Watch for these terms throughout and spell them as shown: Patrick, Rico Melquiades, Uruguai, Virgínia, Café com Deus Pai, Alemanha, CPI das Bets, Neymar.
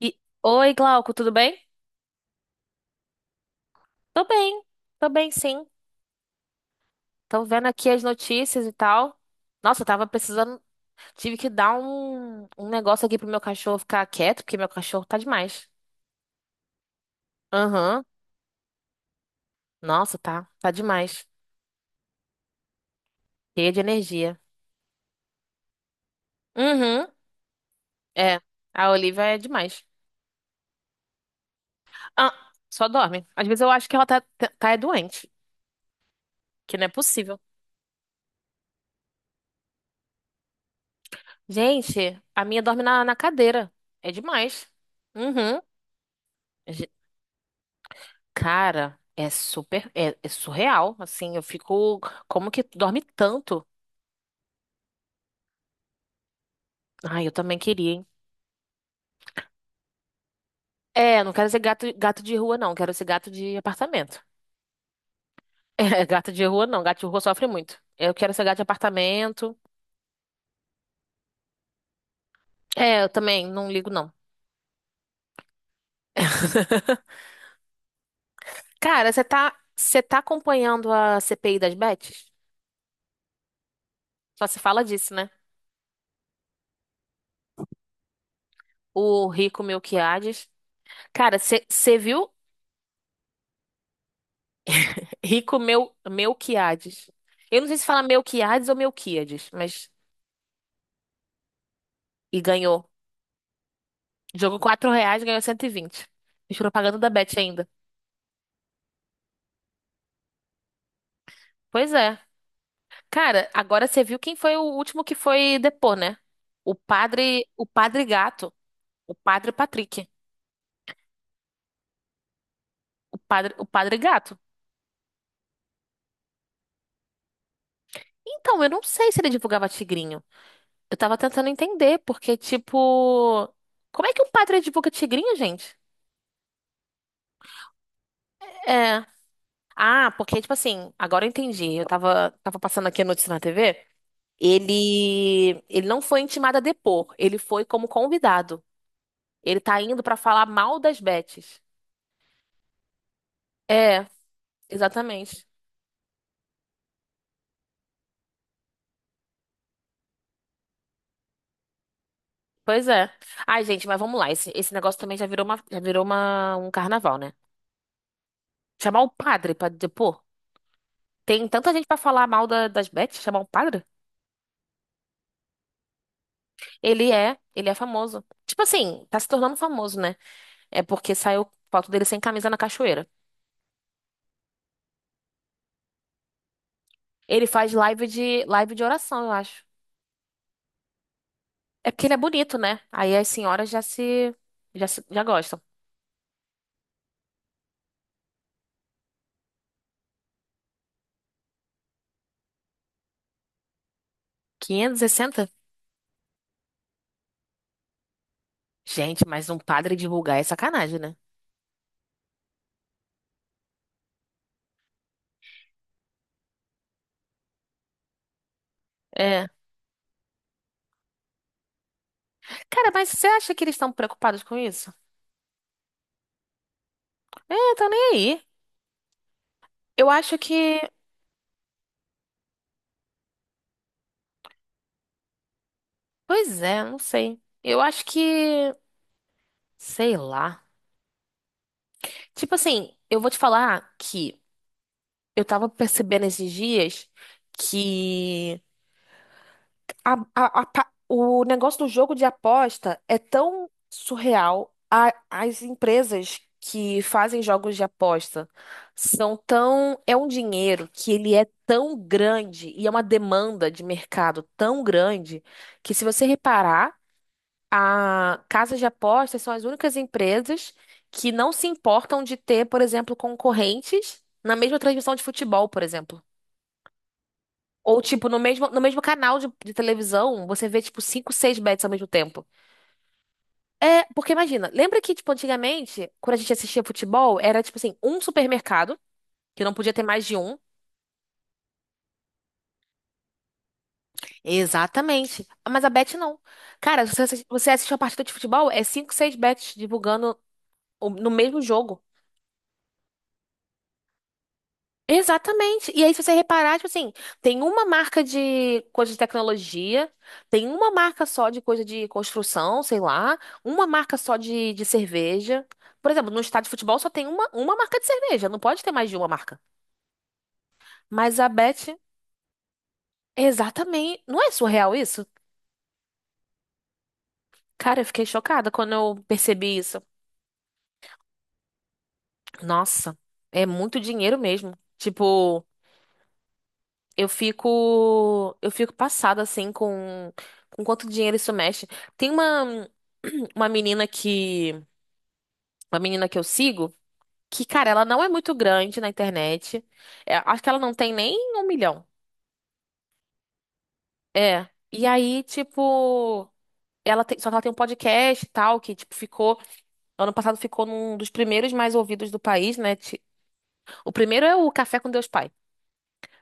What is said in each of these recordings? E- Oi, Glauco, tudo bem? Tô bem, tô bem, sim. Tô vendo aqui as notícias e tal. Nossa, eu tava precisando. Tive que dar um negócio aqui pro meu cachorro ficar quieto, porque meu cachorro tá demais. Aham. Nossa, tá. Tá demais. Cheia de energia. Uhum. É. A Olivia é demais. Ah, só dorme. Às vezes eu acho que ela tá é doente, que não é possível. Gente, a minha dorme na cadeira. É demais. Uhum. Cara, é surreal, assim, eu fico, como que tu dorme tanto? Ai, eu também queria, hein? É, não quero ser gato, gato de rua, não, quero ser gato de apartamento. É, gato de rua, não, gato de rua sofre muito. Eu quero ser gato de apartamento. É, eu também não ligo, não. Cara, você tá acompanhando a CPI das Bets? Só se fala disso, né? O Rico Melquiades. Cara, você viu Rico Melquiades? Eu não sei se fala Melquiades ou Melquíades, mas. E ganhou. Jogou R$ 4, ganhou 120. Fiz propaganda da Bet ainda. Pois é. Cara, agora você viu quem foi o último que foi depor, né? O padre gato. O padre Patrick. O padre gato. Então, eu não sei se ele divulgava tigrinho. Eu tava tentando entender, porque, tipo. Como é que um padre divulga tigrinho, gente? É. Ah, porque, tipo assim, agora eu entendi. Eu tava passando aqui a notícia na TV. Ele não foi intimado a depor, ele foi como convidado. Ele tá indo pra falar mal das Betes. É, exatamente. Pois é. Ai, gente, mas vamos lá. Esse negócio também já virou um carnaval, né? Chamar o padre pra depor. Tem tanta gente pra falar mal das Betes, chamar o padre? Ele é famoso. Tipo assim, tá se tornando famoso, né? É porque saiu foto dele sem camisa na cachoeira. Ele faz live de oração, eu acho. É porque ele é bonito, né? Aí as senhoras já se, já se, já gostam. 560. Gente, mas um padre divulgar é sacanagem, né? É. Cara, mas você acha que eles estão preocupados com isso? É, tá nem aí. Eu acho que. Pois é, não sei. Eu acho que. Sei lá. Tipo assim, eu vou te falar que eu tava percebendo esses dias que. O negócio do jogo de aposta é tão surreal. As empresas que fazem jogos de aposta são tão. É um dinheiro que ele é tão grande e é uma demanda de mercado tão grande que, se você reparar, a casas de apostas são as únicas empresas que não se importam de ter, por exemplo, concorrentes na mesma transmissão de futebol, por exemplo. Ou, tipo, no mesmo canal de televisão, você vê, tipo, cinco, seis bets ao mesmo tempo. É, porque imagina, lembra que, tipo, antigamente, quando a gente assistia futebol, era, tipo assim, um supermercado, que não podia ter mais de um. Exatamente. Mas a bet não. Cara, se você, assi- você assiste uma partida de futebol, é cinco, seis bets divulgando no mesmo jogo. Exatamente. E aí, se você reparar, tipo assim, tem uma marca de coisa de tecnologia, tem uma marca só de coisa de construção, sei lá, uma marca só de cerveja. Por exemplo, no estádio de futebol só tem uma marca de cerveja, não pode ter mais de uma marca. Mas a Bet, exatamente. Não é surreal isso? Cara, eu fiquei chocada quando eu percebi isso. Nossa, é muito dinheiro mesmo. Tipo. Eu fico passada assim com quanto dinheiro isso mexe. Tem uma uma menina que, uma menina que eu sigo, que, cara, ela não é muito grande na internet. É, acho que ela não tem nem 1 milhão. É. E aí, tipo, só que ela tem um podcast e tal, que, tipo, ficou, ano passado ficou num dos primeiros mais ouvidos do país, né? O primeiro é o Café com Deus Pai.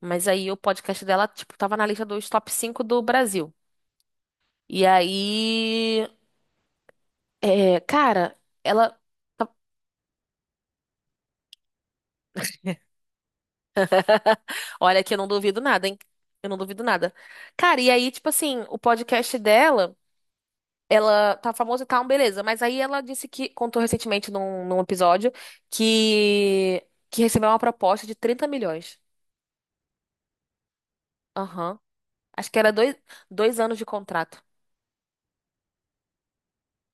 Mas aí o podcast dela, tipo, tava na lista dos top 5 do Brasil. E aí. É, cara, ela. Tá. Olha que eu não duvido nada, hein? Eu não duvido nada. Cara, e aí, tipo assim, o podcast dela, ela tá famosa e tal, beleza. Mas aí ela disse que, contou recentemente num episódio, que, que recebeu uma proposta de 30 milhões. Aham. Acho que era dois anos de contrato.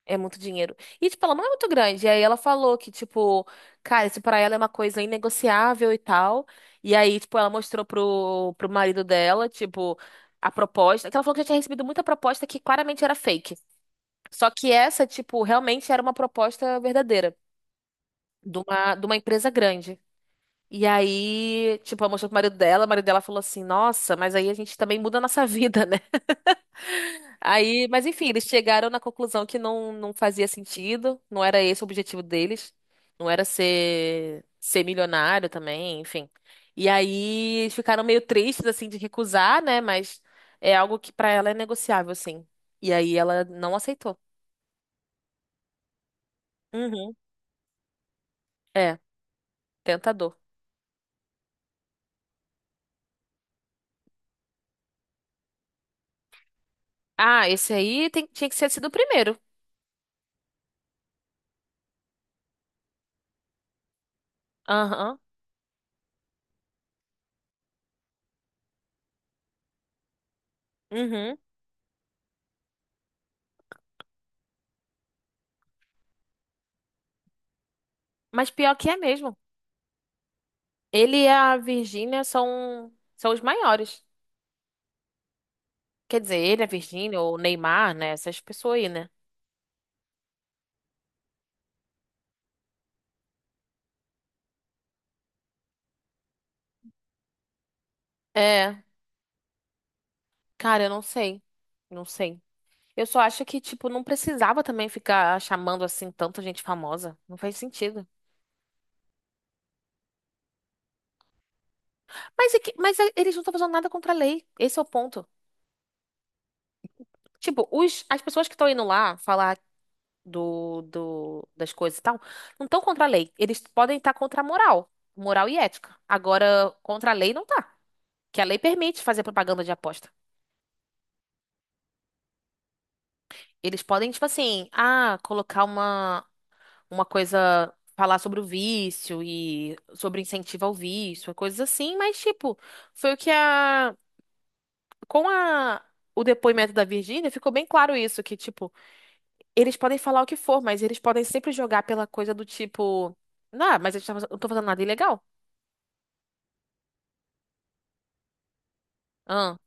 É muito dinheiro. E, tipo, ela não é muito grande. E aí ela falou que, tipo, cara, isso pra ela é uma coisa inegociável e tal. E aí, tipo, ela mostrou pro marido dela, tipo, a proposta. Que ela falou que já tinha recebido muita proposta que claramente era fake. Só que essa, tipo, realmente era uma proposta verdadeira de uma empresa grande. E aí, tipo, ela mostrou pro marido dela, o marido dela falou assim, nossa, mas aí a gente também muda a nossa vida. Aí, mas enfim, eles chegaram na conclusão que não, não fazia sentido, não era esse o objetivo deles, não era ser milionário também, enfim. E aí eles ficaram meio tristes, assim, de recusar, né? Mas é algo que pra ela é negociável, assim. E aí ela não aceitou. Uhum. É, tentador. Ah, esse aí tinha que ser sido o primeiro. Aham. Uhum. Mas pior que é mesmo. Ele e a Virgínia são os maiores. Quer dizer, ele, a Virgínia, ou o Neymar, né? Essas pessoas aí, né? É, cara, eu não sei. Não sei. Eu só acho que, tipo, não precisava também ficar chamando assim tanta gente famosa. Não faz sentido. Eles não estão fazendo nada contra a lei. Esse é o ponto. Tipo, as pessoas que estão indo lá falar das coisas e tal, não estão contra a lei. Eles podem estar contra a moral. Moral e ética. Agora, contra a lei não tá. Que a lei permite fazer propaganda de aposta. Eles podem, tipo assim, ah, colocar uma coisa, falar sobre o vício e sobre incentivo ao vício, coisas assim, mas tipo, foi o que a com a o depoimento da Virgínia ficou bem claro isso, que tipo, eles podem falar o que for, mas eles podem sempre jogar pela coisa do tipo, ah, mas eu não tô fazendo nada ilegal. Ah,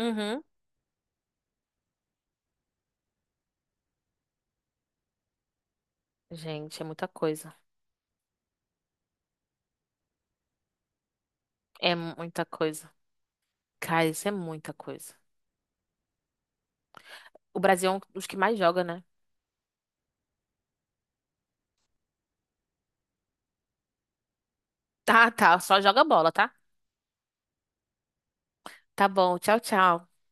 uhum. Gente, é muita coisa. É muita coisa. Cara, isso é muita coisa. O Brasil é um dos que mais joga, né? Tá, tá, só joga bola, tá? Tá bom, tchau, tchau.